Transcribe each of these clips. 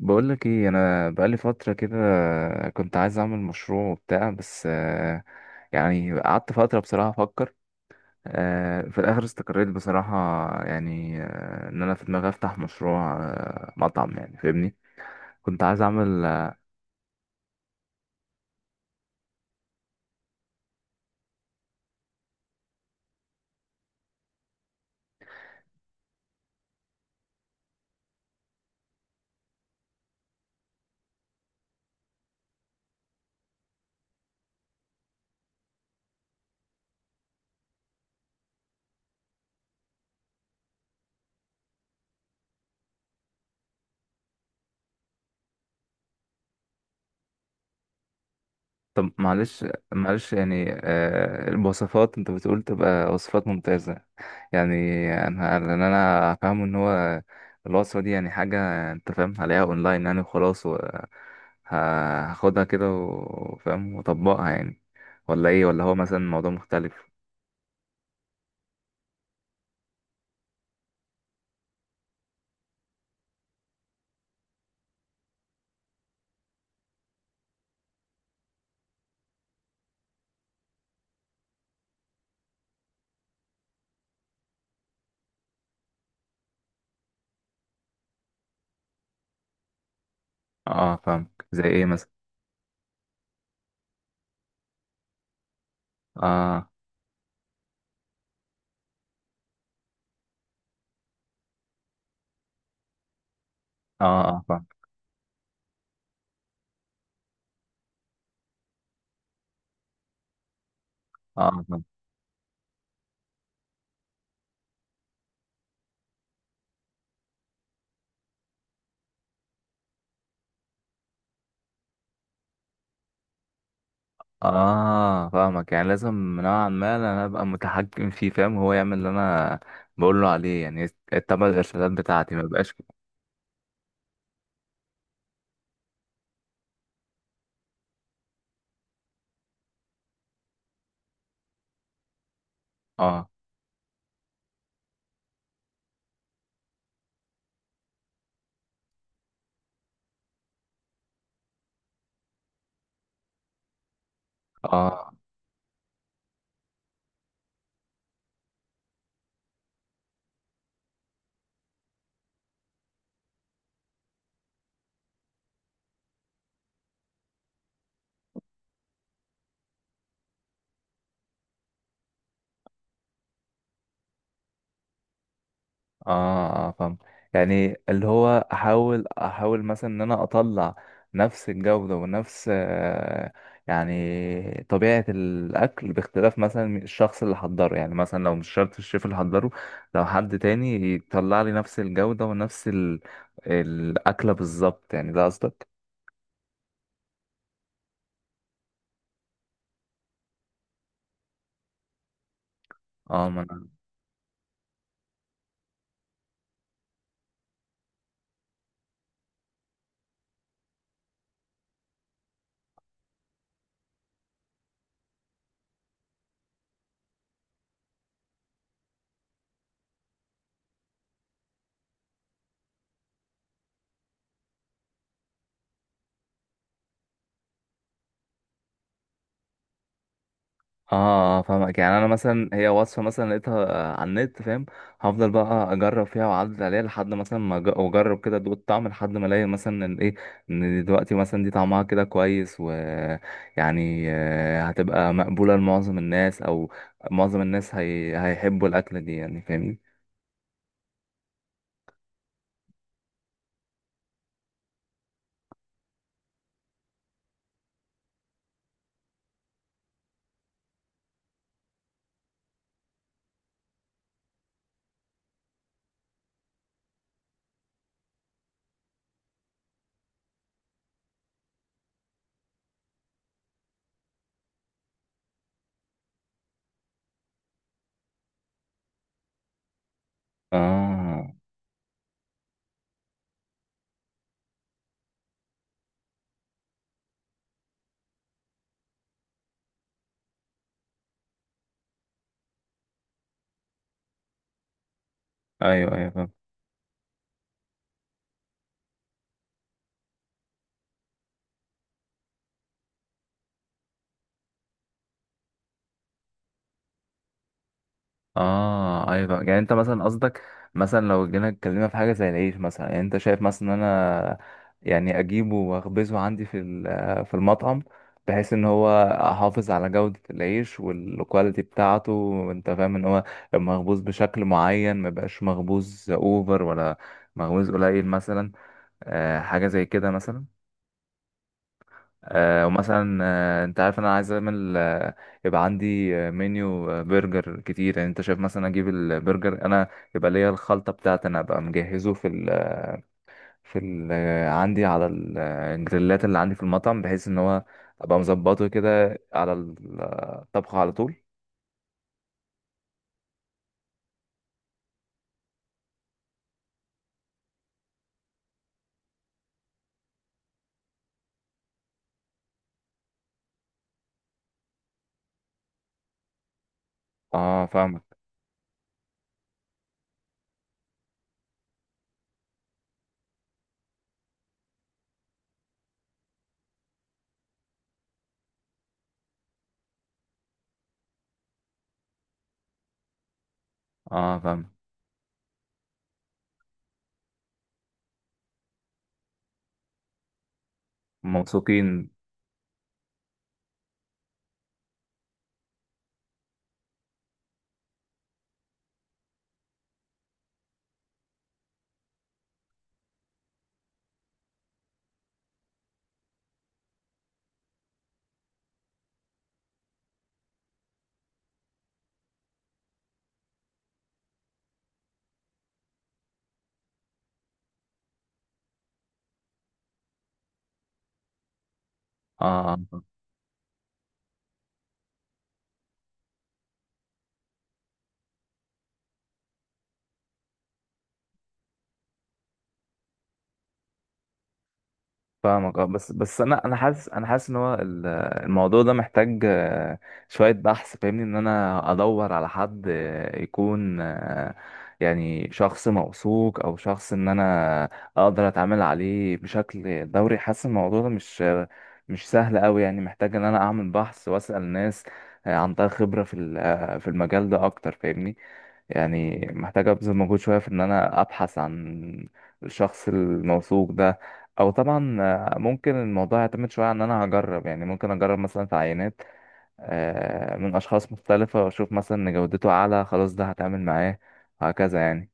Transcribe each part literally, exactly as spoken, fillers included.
بقولك ايه؟ انا بقالي فترة كده كنت عايز اعمل مشروع وبتاع، بس آه، يعني قعدت فترة بصراحة افكر. آه، في الاخر استقريت بصراحة، يعني آه، ان انا في دماغي افتح مشروع، آه، مطعم، يعني فاهمني. كنت عايز اعمل آه، طب معلش معلش، يعني آه، الوصفات انت بتقول تبقى وصفات ممتازة. يعني انا، لان انا فاهم ان هو الوصفه دي يعني حاجه، انت فاهم، هلاقيها اونلاين يعني وخلاص، و ه- هاخدها كده وفاهم واطبقها يعني. ولا ايه؟ ولا هو مثلا موضوع مختلف؟ اه، فاهم. زي ايه مثلا؟ اه اه اه، فاهم. اه، فاهم. اه، فاهمك. يعني لازم نوعا ما انا ابقى متحكم فيه، فاهم هو يعمل اللي انا بقول له عليه يعني، يتبع الارشادات بتاعتي ما يبقاش. اه اه اه اه، فاهم. يعني اللي هو احاول احاول مثلا ان انا اطلع نفس الجودة ونفس آه، يعني طبيعة الاكل، باختلاف مثلا الشخص اللي حضره. يعني مثلا لو مش شرط الشيف اللي حضره، لو حد تاني يطلع لي نفس الجودة ونفس ال... الاكلة بالظبط، يعني ده قصدك؟ اه اه، آه، فاهمك. يعني انا مثلا هي وصفه مثلا لقيتها آه، على النت، فاهم؟ هفضل بقى اجرب فيها واعدل عليها لحد مثلا ما أج- واجرب كده ادوق الطعم لحد ما الاقي مثلا ان ايه، ان دلوقتي مثلا دي طعمها كده كويس ويعني آه، هتبقى مقبوله لمعظم الناس، او معظم الناس هي... هيحبوا الاكله دي، يعني فاهمني؟ اه ايوه ايوه، فاهم. اه ايوه، يعني انت مثلا قصدك، مثلا لو جينا اتكلمنا في حاجه زي العيش مثلا، يعني انت شايف مثلا ان انا يعني اجيبه واخبزه عندي في ال- في المطعم، بحيث ان هو احافظ على جوده العيش والكواليتي بتاعته، وانت فاهم ان هو مخبوز بشكل معين، ما يبقاش مخبوز اوفر، ولا مخبوز قليل مثلا. آه حاجه زي كده مثلا. آه، ومثلا آه، انت عارف انا عايز اعمل آه، يبقى عندي آه، منيو آه، برجر كتير. يعني انت شايف مثلا اجيب البرجر انا، يبقى ليا الخلطه بتاعتي انا، ابقى مجهزه في ال في ال آه، عندي على ال- آه، الجريلات اللي عندي في المطعم، بحيث ان هو ابقى مظبطه كده على ال- الطبخه على طول. اه، فاهمك. اه، فاهم. موثوقين. اه، آه، آه. فاهمك. اه بس بس انا انا حاسس انا حاسس ان هو ال- الموضوع ده محتاج آه، شويه بحث، فاهمني. ان انا ادور على حد آه، يكون آه، يعني شخص موثوق، او شخص ان انا اقدر اتعامل عليه بشكل دوري. حاسس الموضوع ده مش آه، مش سهل قوي، يعني محتاج ان انا اعمل بحث واسال ناس آه، عندها خبره في ال- آه، في المجال ده اكتر، فاهمني. يعني محتاج ابذل مجهود شويه في ان انا ابحث عن الشخص الموثوق ده. او طبعا آه، ممكن الموضوع يعتمد شويه عن ان انا هجرب. يعني ممكن اجرب مثلا في عينات آه، من اشخاص مختلفه، واشوف مثلا ان جودته اعلى، خلاص ده هتعامل معاه، وهكذا يعني.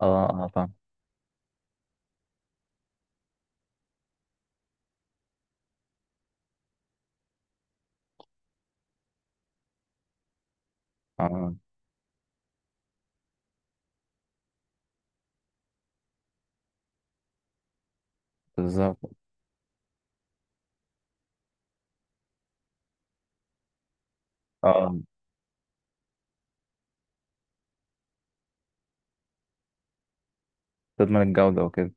اه اه، فاهم. اه، بالظبط. اه، تضمن الجوده وكده.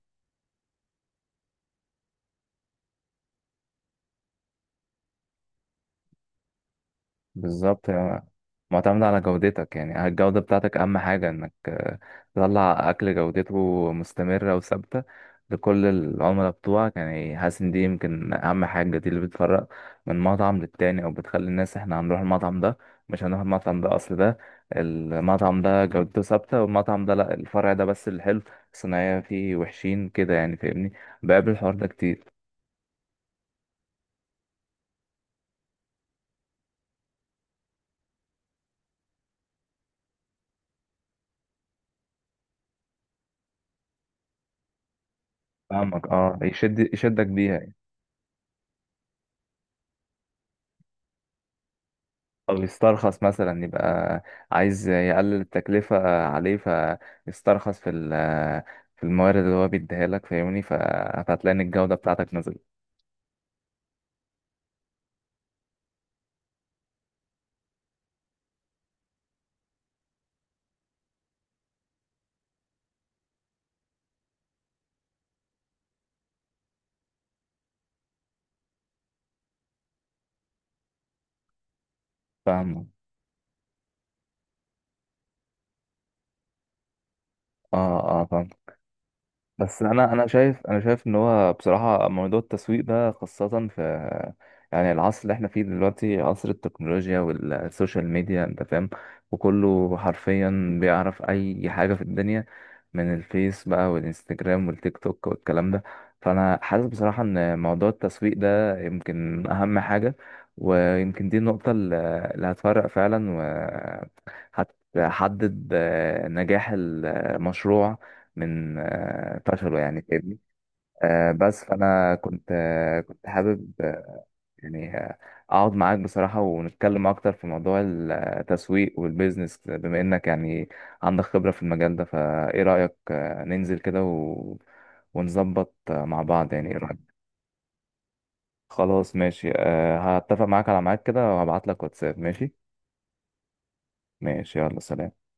بالظبط، يعني معتمد على جودتك، يعني الجودة بتاعتك أهم حاجة، إنك آه، تطلع أكل جودته مستمرة وثابتة لكل العملاء بتوعك. يعني حاسس إن دي يمكن أهم حاجة، دي اللي بتفرق من مطعم للتاني، أو بتخلي الناس إحنا هنروح المطعم ده، مش هنروح المطعم ده، أصل ده المطعم ده جودته ثابتة، والمطعم ده لأ، الفرع ده بس اللي حلو، الصناعية فيه وحشين كده، يعني فاهمني. بقابل الحوار ده كتير. فاهمك، اه، يشد يشدك بيها. او يسترخص مثلا، يبقى عايز يقلل التكلفة عليه، فيسترخص في ال- في الموارد اللي هو بيديها لك، فاهمني. ف- فهتلاقي ان الجودة بتاعتك نزلت. فاهمه. اه اه بس انا انا شايف انا شايف ان هو بصراحه موضوع التسويق ده، خاصه في، يعني، العصر اللي احنا فيه دلوقتي، عصر التكنولوجيا والسوشيال ميديا، انت فاهم، وكله حرفيا بيعرف اي حاجه في الدنيا، من الفيس بقى، والانستجرام، والتيك توك، والكلام ده. فانا حاسس بصراحه ان موضوع التسويق ده يمكن اهم حاجه، ويمكن دي النقطه اللي اللي هتفرق فعلا، وهتحدد نجاح المشروع من آه، فشله، يعني فاهمني. آه، بس فانا كنت آه، كنت حابب آه، يعني آه، اقعد معاك بصراحة، ونتكلم اكتر في موضوع التسويق والبيزنس، بما انك يعني عندك خبرة في المجال ده. فايه رأيك آه، ننزل كده و... ونظبط آه، مع بعض، يعني ايه رأيك؟ خلاص ماشي، آه، هتفق معاك على ميعاد كده، وهبعت لك واتساب. ماشي. ماشي يلا، سلام.